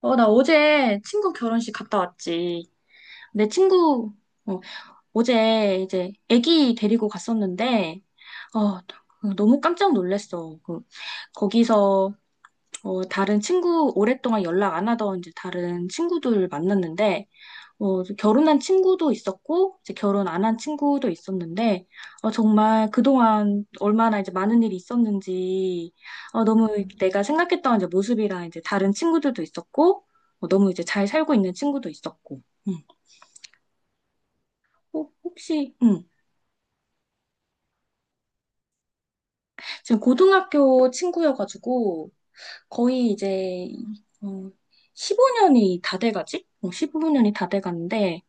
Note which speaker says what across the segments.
Speaker 1: 나 어제 친구 결혼식 갔다 왔지. 내 친구, 어, 어제 이제 아기 데리고 갔었는데, 어, 너무 깜짝 놀랐어. 거기서, 다른 친구, 오랫동안 연락 안 하던 이제 다른 친구들 만났는데, 이제 결혼한 친구도 있었고, 이제 결혼 안 한 친구도 있었는데, 정말 그동안 얼마나 이제 많은 일이 있었는지, 너무 내가 생각했던 이제 모습이랑 이제 다른 친구들도 있었고, 너무 이제 잘 살고 있는 친구도 있었고, 음. 혹시, 지금 고등학교 친구여가지고, 거의 이제, 어, 15년이 다 돼가지? 15년이 다 돼가는데,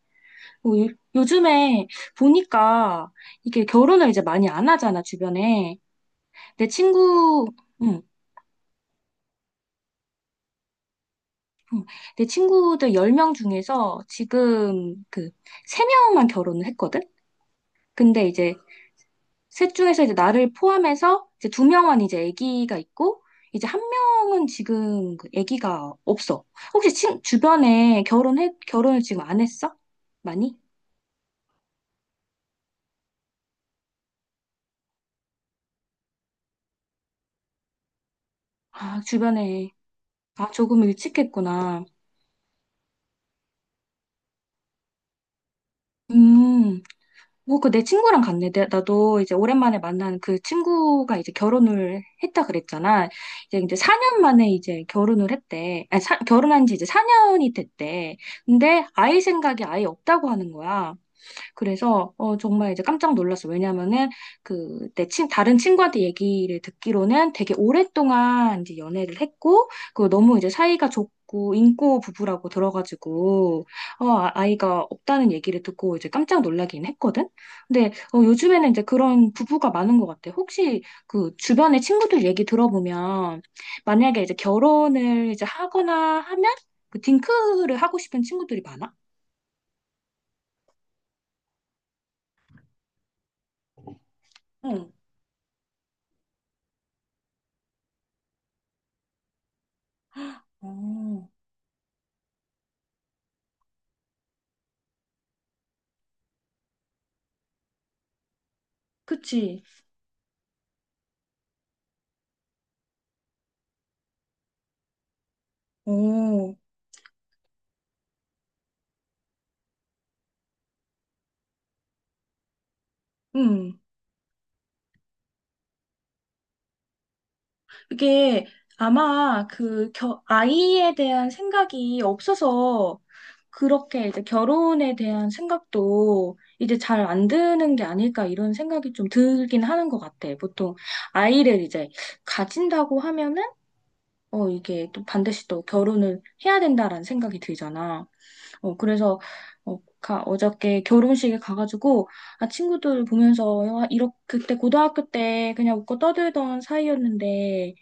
Speaker 1: 뭐 요즘에 보니까 이게 결혼을 이제 많이 안 하잖아, 주변에. 내 친구, 응, 응. 내 친구들 10명 중에서 지금 그 3명만 결혼을 했거든? 근데 이제 셋 중에서 이제 나를 포함해서 이제 2명만 이제 아기가 있고, 이제 한 명은 지금 그 아기가 없어. 혹시 주변에 결혼을 지금 안 했어? 많이? 아, 주변에. 아, 조금 일찍 했구나. 음. 뭐, 그 내 친구랑 갔네. 나도 이제 오랜만에 만난 그 친구가 이제 결혼을 했다 그랬잖아. 이제 4년 만에 이제 결혼을 했대. 아니, 결혼한 지 이제 4년이 됐대. 근데 아이 생각이 아예 없다고 하는 거야. 그래서 정말 이제 깜짝 놀랐어. 왜냐면은 그내 친 다른 친구한테 얘기를 듣기로는 되게 오랫동안 이제 연애를 했고 그 너무 이제 사이가 좋고 인고 부부라고 들어가지고 아이가 없다는 얘기를 듣고 이제 깜짝 놀라긴 했거든. 근데 요즘에는 이제 그런 부부가 많은 것 같아. 혹시 그 주변의 친구들 얘기 들어보면 만약에 이제 결혼을 이제 하거나 하면 그 딩크를 하고 싶은 친구들이 많아? 응, 어, 그치. 오, 음. 그게 아마 그 아이에 대한 생각이 없어서 그렇게 이제 결혼에 대한 생각도 이제 잘 안 드는 게 아닐까 이런 생각이 좀 들긴 하는 것 같아. 보통 아이를 이제 가진다고 하면은 이게 또 반드시 또 결혼을 해야 된다라는 생각이 들잖아. 그래서, 어저께 결혼식에 가가지고, 아, 친구들 보면서, 와, 이렇게, 그때 고등학교 때 그냥 웃고 떠들던 사이였는데,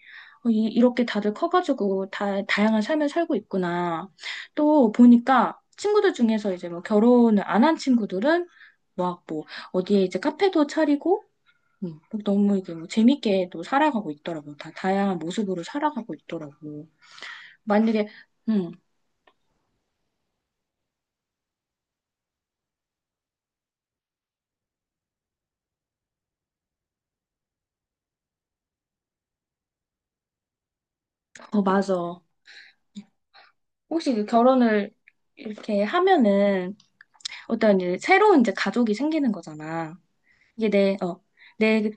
Speaker 1: 이렇게 다들 커가지고, 다양한 삶을 살고 있구나. 또 보니까, 친구들 중에서 이제 뭐 결혼을 안 한 친구들은, 막 뭐, 어디에 이제 카페도 차리고, 너무 이게 뭐 재밌게 또 살아가고 있더라고. 다 다양한 모습으로 살아가고 있더라고. 만약에, 음, 맞아. 혹시 그 결혼을 이렇게 하면은 어떤 이제 새로운 이제 가족이 생기는 거잖아. 이게 내,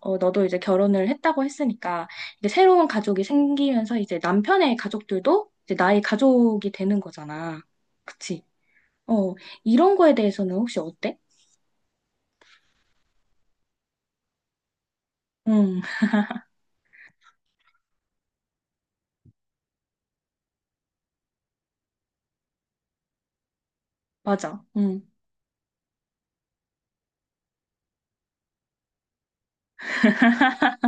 Speaker 1: 너도 이제 결혼을 했다고 했으니까 이제 새로운 가족이 생기면서 이제 남편의 가족들도 이제 나의 가족이 되는 거잖아. 그치? 어, 이런 거에 대해서는 혹시 어때? 응, 맞아. 응,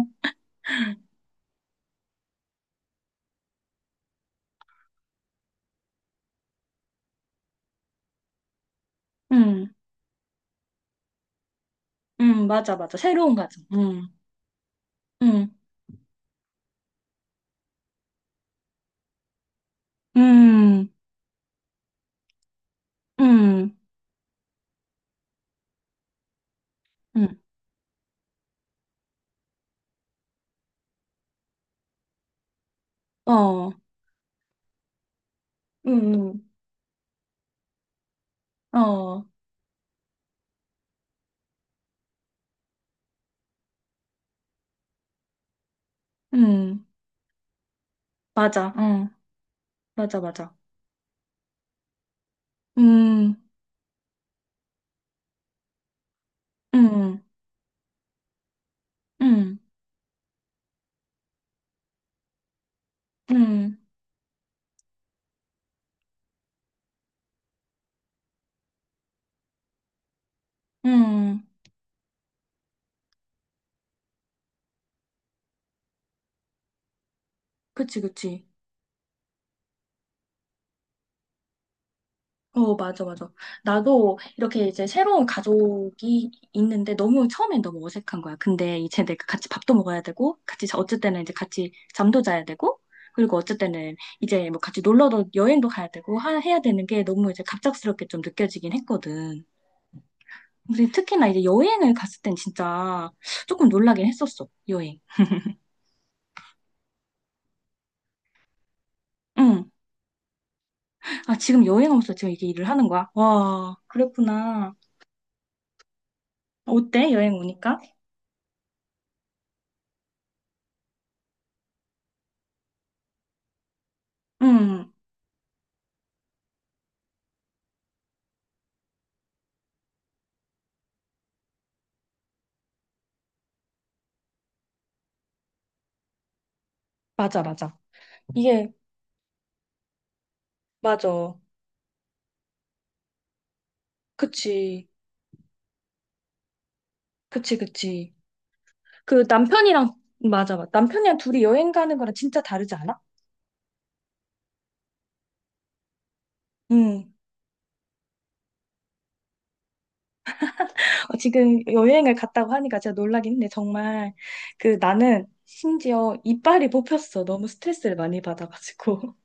Speaker 1: 응, 응, 맞아, 맞아. 새로운 가족. 응, 응, 응, 응, 응, 어, 응, 응, 어, 응. 맞아, 응, 맞아, 맞아. 음, 응, 응, 응, 응. 그치, 그치. 어, 맞아, 맞아. 나도 이렇게 이제 새로운 가족이 있는데 너무 처음엔 너무 어색한 거야. 근데 이제 내가 같이 밥도 먹어야 되고, 어쨌든 이제 같이 잠도 자야 되고, 그리고 어쨌든 이제 뭐 같이 놀러도 여행도 가야 되고 해야 되는 게 너무 이제 갑작스럽게 좀 느껴지긴 했거든. 근데 특히나 이제 여행을 갔을 땐 진짜 조금 놀라긴 했었어, 여행. 응. 아, 지금 여행 오면서 지금 이게 일을 하는 거야? 와, 그랬구나. 어때? 여행 오니까? 응, 맞아, 맞아. 이게, 맞아. 그치, 그치, 그치. 그 남편이랑, 맞아, 맞아. 남편이랑 둘이 여행 가는 거랑 진짜 다르지 않아? 응. 지금 여행을 갔다고 하니까 진짜 놀라긴 했데 정말, 그 나는 심지어 이빨이 뽑혔어. 너무 스트레스를 많이 받아가지고.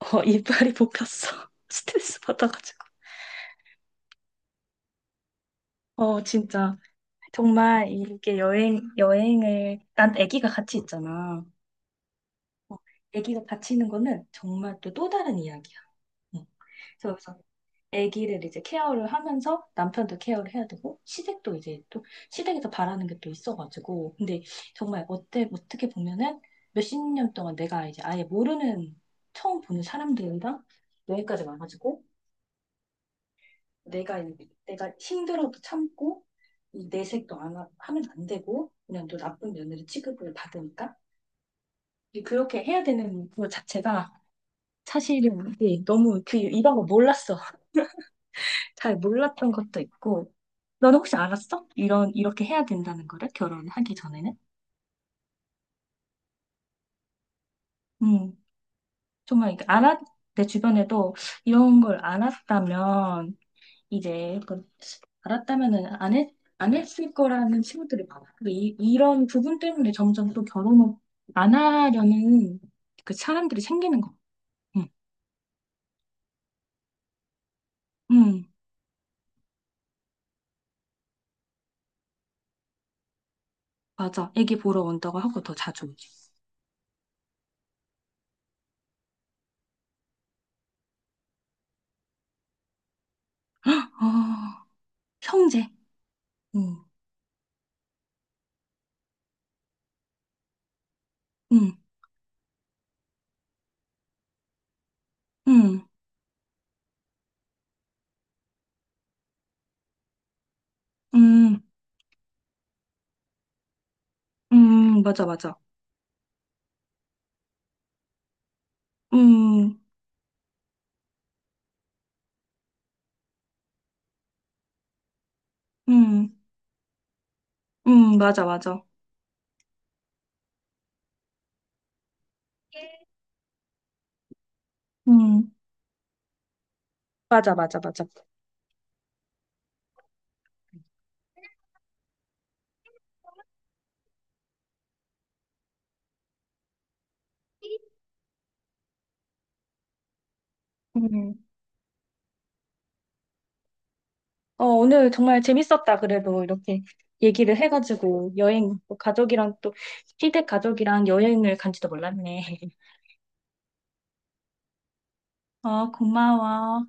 Speaker 1: 이빨이 뽑혔어. 스트레스 받아가지고. 진짜. 정말 이게 여행을, 난 아기가 같이 있잖아. 아기가 같이 있는 거는 정말 또 다른 이야기야. 응. 그래서 아기를 이제 케어를 하면서 남편도 케어를 해야 되고, 시댁도 이제 또, 시댁에서 바라는 게 또 있어가지고. 근데 정말 어떻게 보면은 몇십 년 동안 내가 이제 아예 모르는, 처음 보는 사람들이랑 여기까지 와가지고, 내가 내가 힘들어도 참고 이 내색도 안 하, 하면 안 되고 그냥 또 나쁜 며느리 취급을 받으니까 그렇게 해야 되는 그 자체가 사실은 이게 너무 그 이 방법 몰랐어. 잘 몰랐던 것도 있고 너는 혹시 알았어? 이런 이렇게 해야 된다는 거를 결혼하기 전에는? 음 정말 이게 알았 내 주변에도 이런 걸 이제 그 알았다면은 안 했을 거라는 친구들이 많아. 그 이런 부분 때문에 점점 또 결혼을 안 하려는 그 사람들이 생기는 거. 응, 응, 맞아. 애기 보러 온다고 하고 더 자주 오지. 아, 형제. 응, 응, 응, 응, 응, 맞아, 맞아. 응, 응, 응, 맞아, 맞아. 응, 맞아, 맞아, 맞아. 응 오늘 정말 재밌었다. 그래도 이렇게 얘기를 해가지고 여행, 또 가족이랑 또 시댁 가족이랑 여행을 간지도 몰랐네. 고마워.